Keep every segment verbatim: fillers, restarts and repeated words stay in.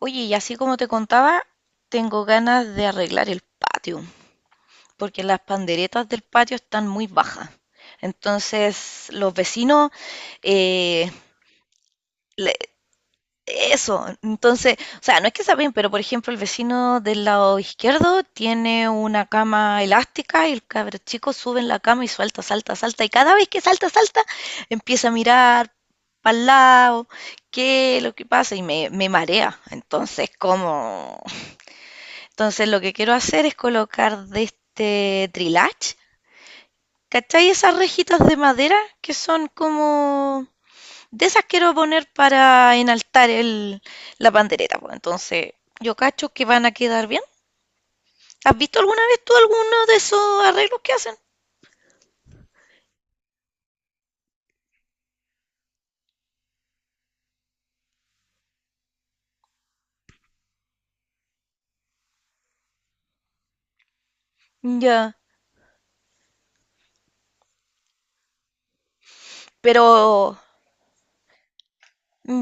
Oye, y así como te contaba, tengo ganas de arreglar el patio, porque las panderetas del patio están muy bajas. Entonces, los vecinos, eh, le- eso, entonces, o sea, no es que saben, pero por ejemplo, el vecino del lado izquierdo tiene una cama elástica y el cabro chico sube en la cama y suelta, salta, salta, y cada vez que salta, salta, empieza a mirar para el lado, qué es lo que pasa y me, me marea. Entonces, como... Entonces lo que quiero hacer es colocar de este trilage, ¿cachai? Esas rejitas de madera que son como... De esas quiero poner para enaltar el, la pandereta. Pues. Entonces yo cacho que van a quedar bien. ¿Has visto alguna vez tú alguno de esos arreglos que hacen? Ya, pero...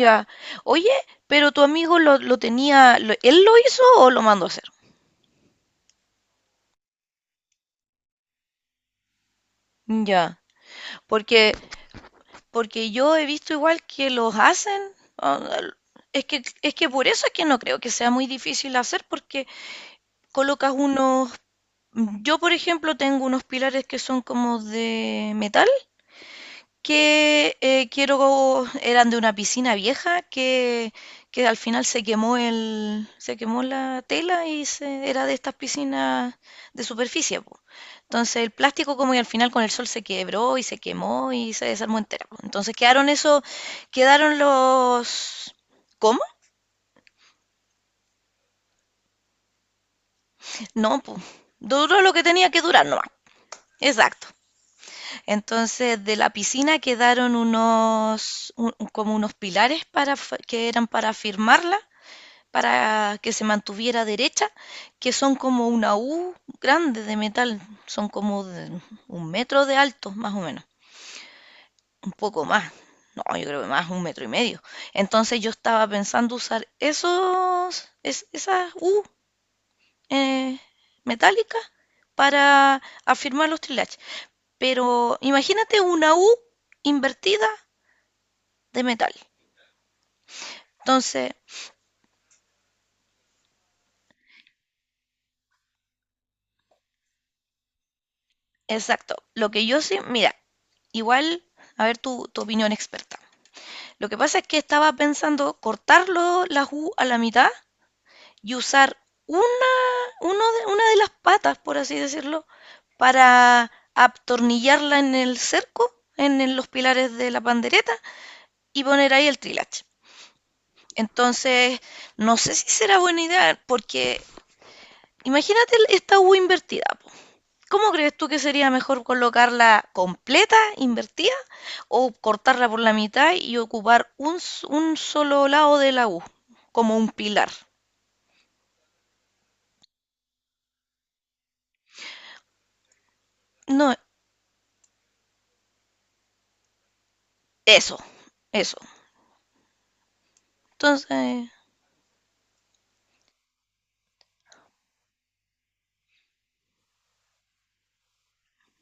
Ya. Oye, pero tu amigo lo, lo tenía... lo- ¿Él lo hizo o lo mandó a hacer? Ya. Porque porque yo he visto igual que los hacen. Ah, es que, es que por eso es que no creo que sea muy difícil hacer, porque colocas unos... Yo, por ejemplo, tengo unos pilares que son como de metal que eh, quiero, eran de una piscina vieja que, que al final se quemó el, se quemó la tela y se, era de estas piscinas de superficie, po. Entonces el plástico como y al final con el sol se quebró y se quemó y se desarmó entera, po. Entonces quedaron eso, quedaron los, ¿cómo? No, pues, duró lo que tenía que durar nomás. Exacto. Entonces, de la piscina quedaron unos, un- como unos pilares para, f- que eran para firmarla para que se mantuviera derecha, que son como una U grande de metal, son como de un metro de alto, más o menos, un poco más, no, yo creo que más, un metro y medio. Entonces yo estaba pensando usar esos, es- esas U eh, metálicas para afirmar los trilatch. Pero imagínate una U invertida de metal. Entonces, exacto, lo que yo sé, mira, igual, a ver tu, tu opinión experta. Lo que pasa es que estaba pensando cortarlo la U a la mitad y usar una, uno de, una de las patas, por así decirlo, para atornillarla en el cerco, en el- los pilares de la pandereta y poner ahí el trilache. Entonces, no sé si será buena idea, porque imagínate el- esta U invertida. Po. ¿Cómo crees tú que sería mejor colocarla completa, invertida, o cortarla por la mitad y ocupar un, s- un solo lado de la U, como un pilar? No, eso, eso. Entonces,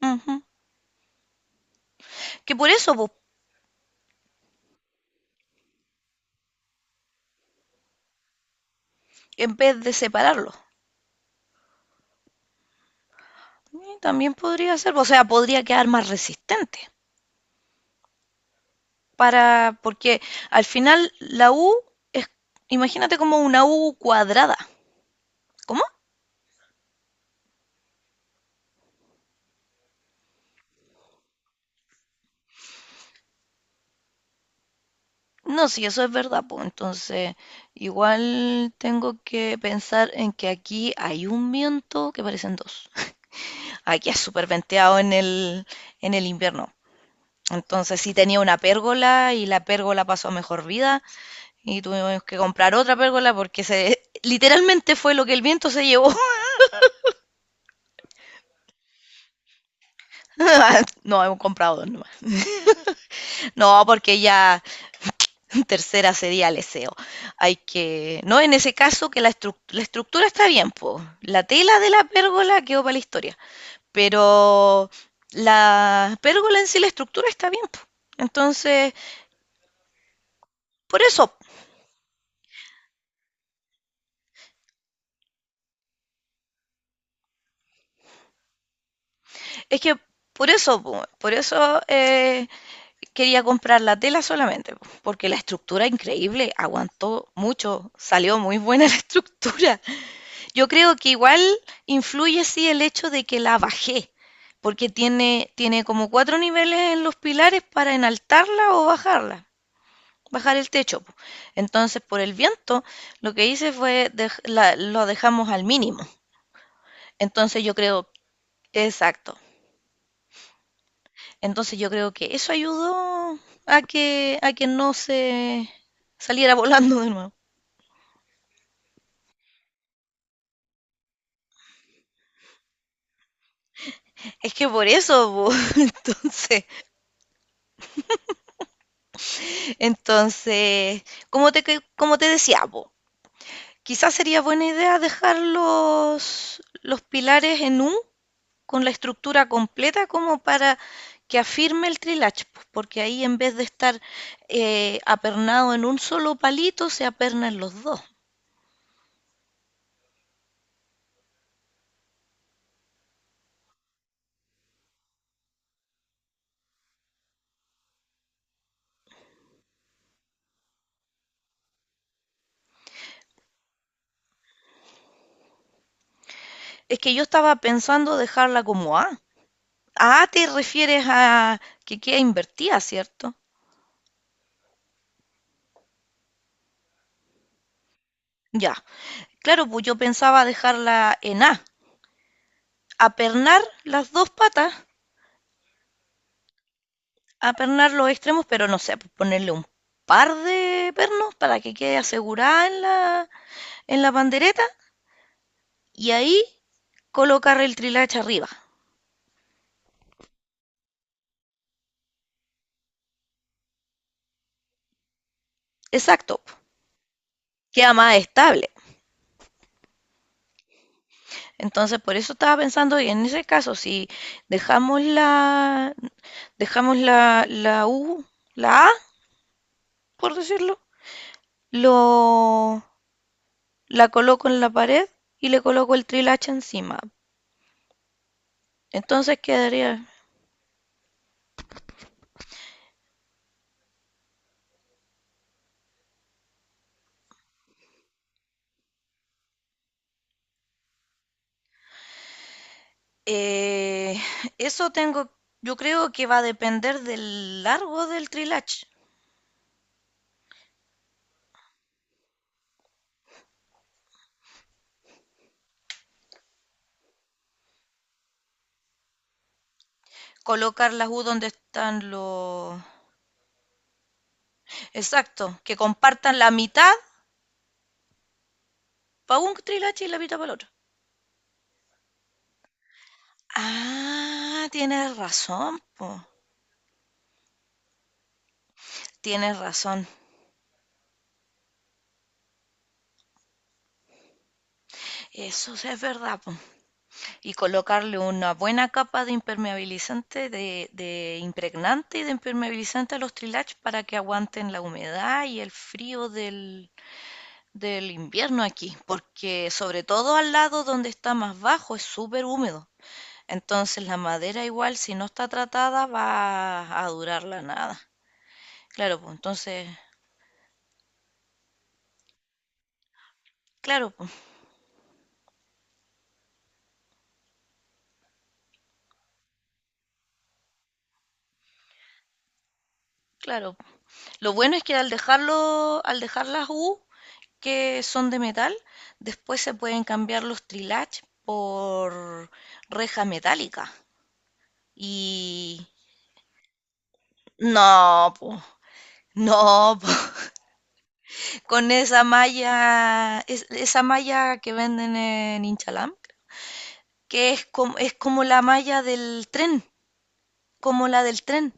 ujú. Que por eso, pues, en vez de separarlo, eh, también podría ser, o sea, podría quedar más resistente. Para, porque al final la U es, imagínate como una U cuadrada. ¿Cómo? No, si eso es verdad, pues entonces igual tengo que pensar en que aquí hay un viento que parecen dos. Aquí es súper venteado en el, en el invierno. Entonces sí tenía una pérgola y la pérgola pasó a mejor vida y tuvimos que comprar otra pérgola porque se literalmente fue lo que el viento se llevó. No, hemos comprado dos nomás. No, porque ya tercera sería el S E O. Hay que, no, en ese caso que la, estru- la estructura está bien, pues. La tela de la pérgola quedó para la historia, pero la pérgola en sí, la estructura está bien, po. Entonces, por eso, es que por eso, po, por eso eh, quería comprar la tela solamente, po, porque la estructura increíble, aguantó mucho, salió muy buena la estructura. Yo creo que igual influye sí el hecho de que la bajé, porque tiene, tiene como cuatro niveles en los pilares para enaltarla o bajarla, bajar el techo. Po. Entonces, por el viento, lo que hice fue dej- la- lo dejamos al mínimo. Entonces, yo creo, exacto, entonces yo creo que eso ayudó a que, a que no se saliera volando de nuevo. Es que por eso, po, entonces, entonces, como te, que- como te decía, po, quizás sería buena idea dejar los, los pilares en U con la estructura completa como para que afirme el trilach, po, porque ahí en vez de estar eh, apernado en un solo palito, se apernan los dos. Es que yo estaba pensando dejarla como A. Ah, te refieres a que queda invertida, ¿cierto? Ya. Claro, pues yo pensaba dejarla en A, apernar las dos patas, apernar los extremos, pero no sé, pues ponerle un par de pernos para que quede asegurada en la, en la pandereta y ahí colocar el trilacha arriba. Exacto, po. Queda más estable. Entonces, por eso estaba pensando que en ese caso, si dejamos la, dejamos la, la U, la A, por decirlo, lo, la coloco en la pared y le coloco el trilacha encima. Entonces quedaría... Eh, eso tengo, yo creo que va a depender del largo del trilach. Colocar las U donde están los... Exacto, que compartan la mitad para un trilache y la mitad para el otro. Ah, tienes razón, po. Tienes razón. Eso sí es verdad, po. Y colocarle una buena capa de impermeabilizante, de, de impregnante y de impermeabilizante a los trilach para que aguanten la humedad y el frío del, del invierno aquí, porque sobre todo al lado donde está más bajo es súper húmedo. Entonces la madera igual si no está tratada va a durar la nada. Claro, pues entonces, claro, pues, claro. Lo bueno es que al dejarlo, al dejar las U, que son de metal, después se pueden cambiar los trilach por reja metálica. Y no, po, no, po. Con esa malla, es- esa malla que venden en Inchalam, que es como, es como la malla del tren, como la del tren,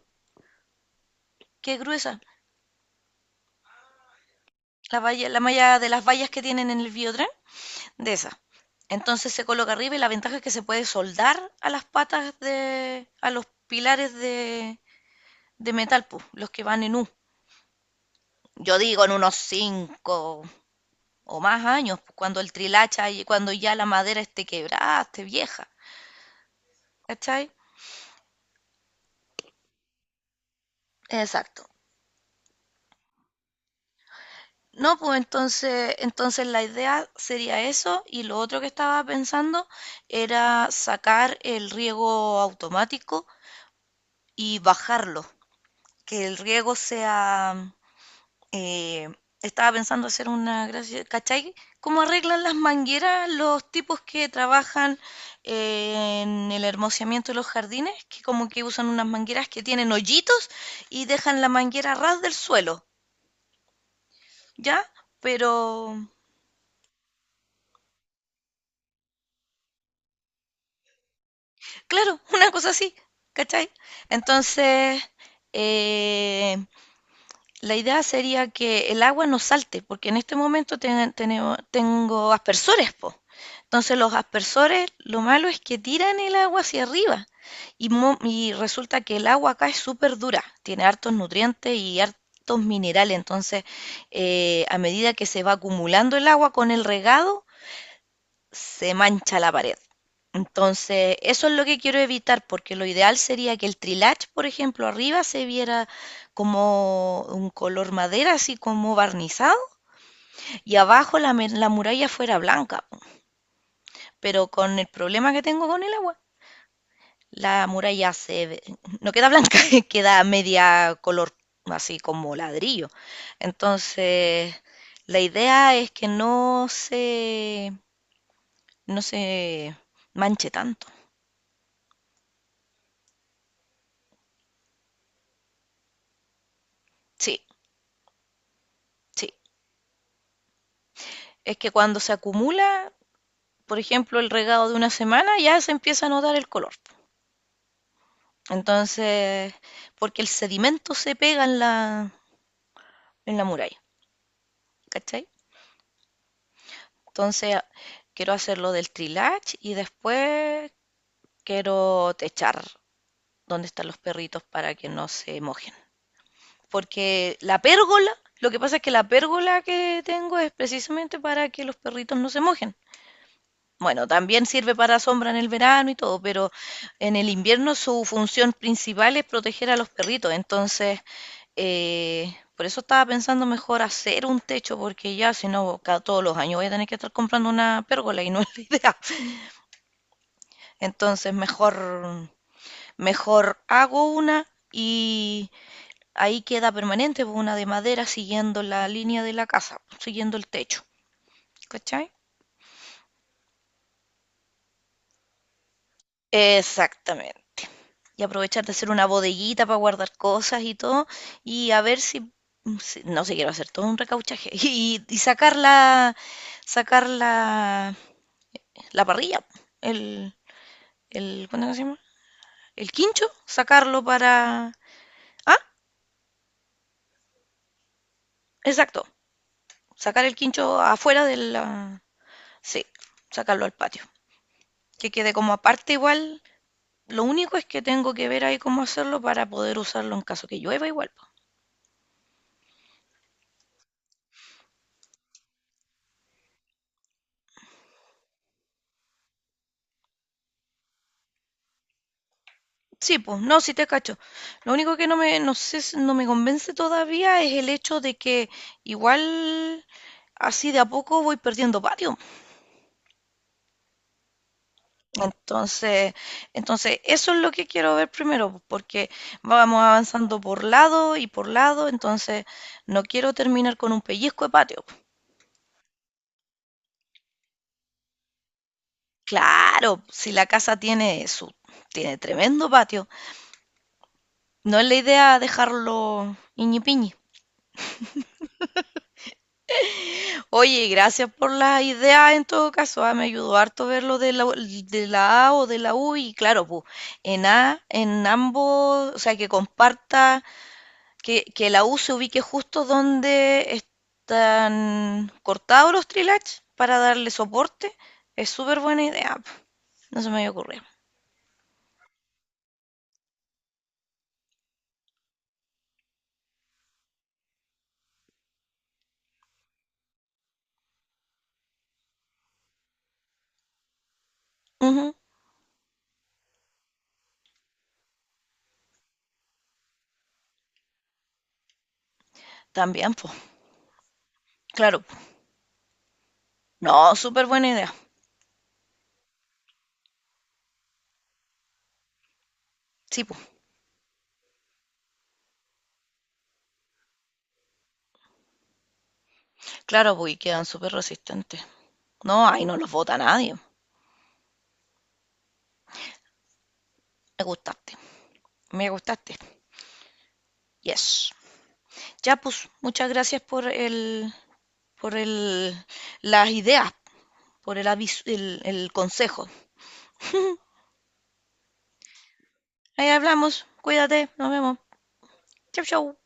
que es gruesa, la, valla- la malla de las vallas que tienen en el biotren, de esa. Entonces se coloca arriba y la ventaja es que se puede soldar a las patas de, a los pilares de, de metal, pues, los que van en U. Yo digo en unos cinco o más años, pues, cuando el trilacha y cuando ya la madera esté quebrada, esté vieja, ¿cachai? Exacto. No, pues entonces, entonces la idea sería eso y lo otro que estaba pensando era sacar el riego automático y bajarlo, que el riego sea Eh, estaba pensando hacer una gracia, ¿cachai? ¿Cómo arreglan las mangueras los tipos que trabajan eh, en el hermoseamiento de los jardines? Que como que usan unas mangueras que tienen hoyitos y dejan la manguera a ras del suelo, ¿ya? Pero, claro, una cosa así, ¿cachai? Entonces, eh, la idea sería que el agua no salte, porque en este momento ten- tenemos- tengo aspersores, po. Entonces los aspersores, lo malo es que tiran el agua hacia arriba y, mo- y resulta que el agua acá es súper dura, tiene hartos nutrientes y hartos minerales, entonces eh, a medida que se va acumulando el agua con el regado, se mancha la pared. Entonces, eso es lo que quiero evitar, porque lo ideal sería que el trilage, por ejemplo, arriba se viera como un color madera, así como barnizado, y abajo la, la muralla fuera blanca. Pero con el problema que tengo con el agua, la muralla se ve- no queda blanca, queda media color, así como ladrillo. Entonces, la idea es que no se, no se manche tanto. Sí. Sí, es que cuando se acumula, por ejemplo, el regado de una semana, ya se empieza a notar el color. Entonces, porque el sedimento se pega en la, en la muralla, ¿cachai? Entonces, quiero hacer lo del trilage y después quiero techar donde están los perritos para que no se mojen. Porque la pérgola, lo que pasa es que la pérgola que tengo es precisamente para que los perritos no se mojen. Bueno, también sirve para sombra en el verano y todo, pero en el invierno su función principal es proteger a los perritos. Entonces, eh, por eso estaba pensando mejor hacer un techo, porque ya si no, cada todos los años voy a tener que estar comprando una pérgola y no es la idea. Entonces, mejor, mejor hago una y ahí queda permanente pues, una de madera siguiendo la línea de la casa, siguiendo el techo. ¿Cachai? Exactamente. Y aprovechar de hacer una bodeguita para guardar cosas y todo, y a ver si, si- no sé, quiero hacer todo un recauchaje y, y sacar la, sacar la, la parrilla, el, el, ¿cómo se llama? El quincho, sacarlo para, ah, exacto, sacar el quincho afuera de la, sí, sacarlo al patio, que quede como aparte igual. Lo único es que tengo que ver ahí cómo hacerlo para poder usarlo en caso que llueva igual. Sí, pues, no, sí te cacho. Lo único que no me, no sé, si- no me convence todavía es el hecho de que igual así de a poco voy perdiendo patio. Entonces, entonces eso es lo que quiero ver primero, pues, porque vamos avanzando por lado y por lado, entonces no quiero terminar con un pellizco de patio. Claro, si la casa tiene su, tiene tremendo patio, no es la idea dejarlo iñipiñi. Oye, gracias por las ideas en todo caso. Ah, me ayudó harto ver lo de la, de la A o de la U y claro, pues en A, en ambos, o sea, que comparta, que, que la U se ubique justo donde están cortados los trilach para darle soporte, es súper buena idea. Po. No se me había ocurrido. Ujú, también, pues, claro. Po. No, súper buena idea. Sí, pues, claro, pues, y quedan súper resistentes. No, ahí no los vota nadie. Me gustaste, me gustaste. Yes. Ya, pues, muchas gracias por el, por el, las ideas, por el aviso, el, el consejo. Ahí hablamos, cuídate, nos vemos. Chau, chau.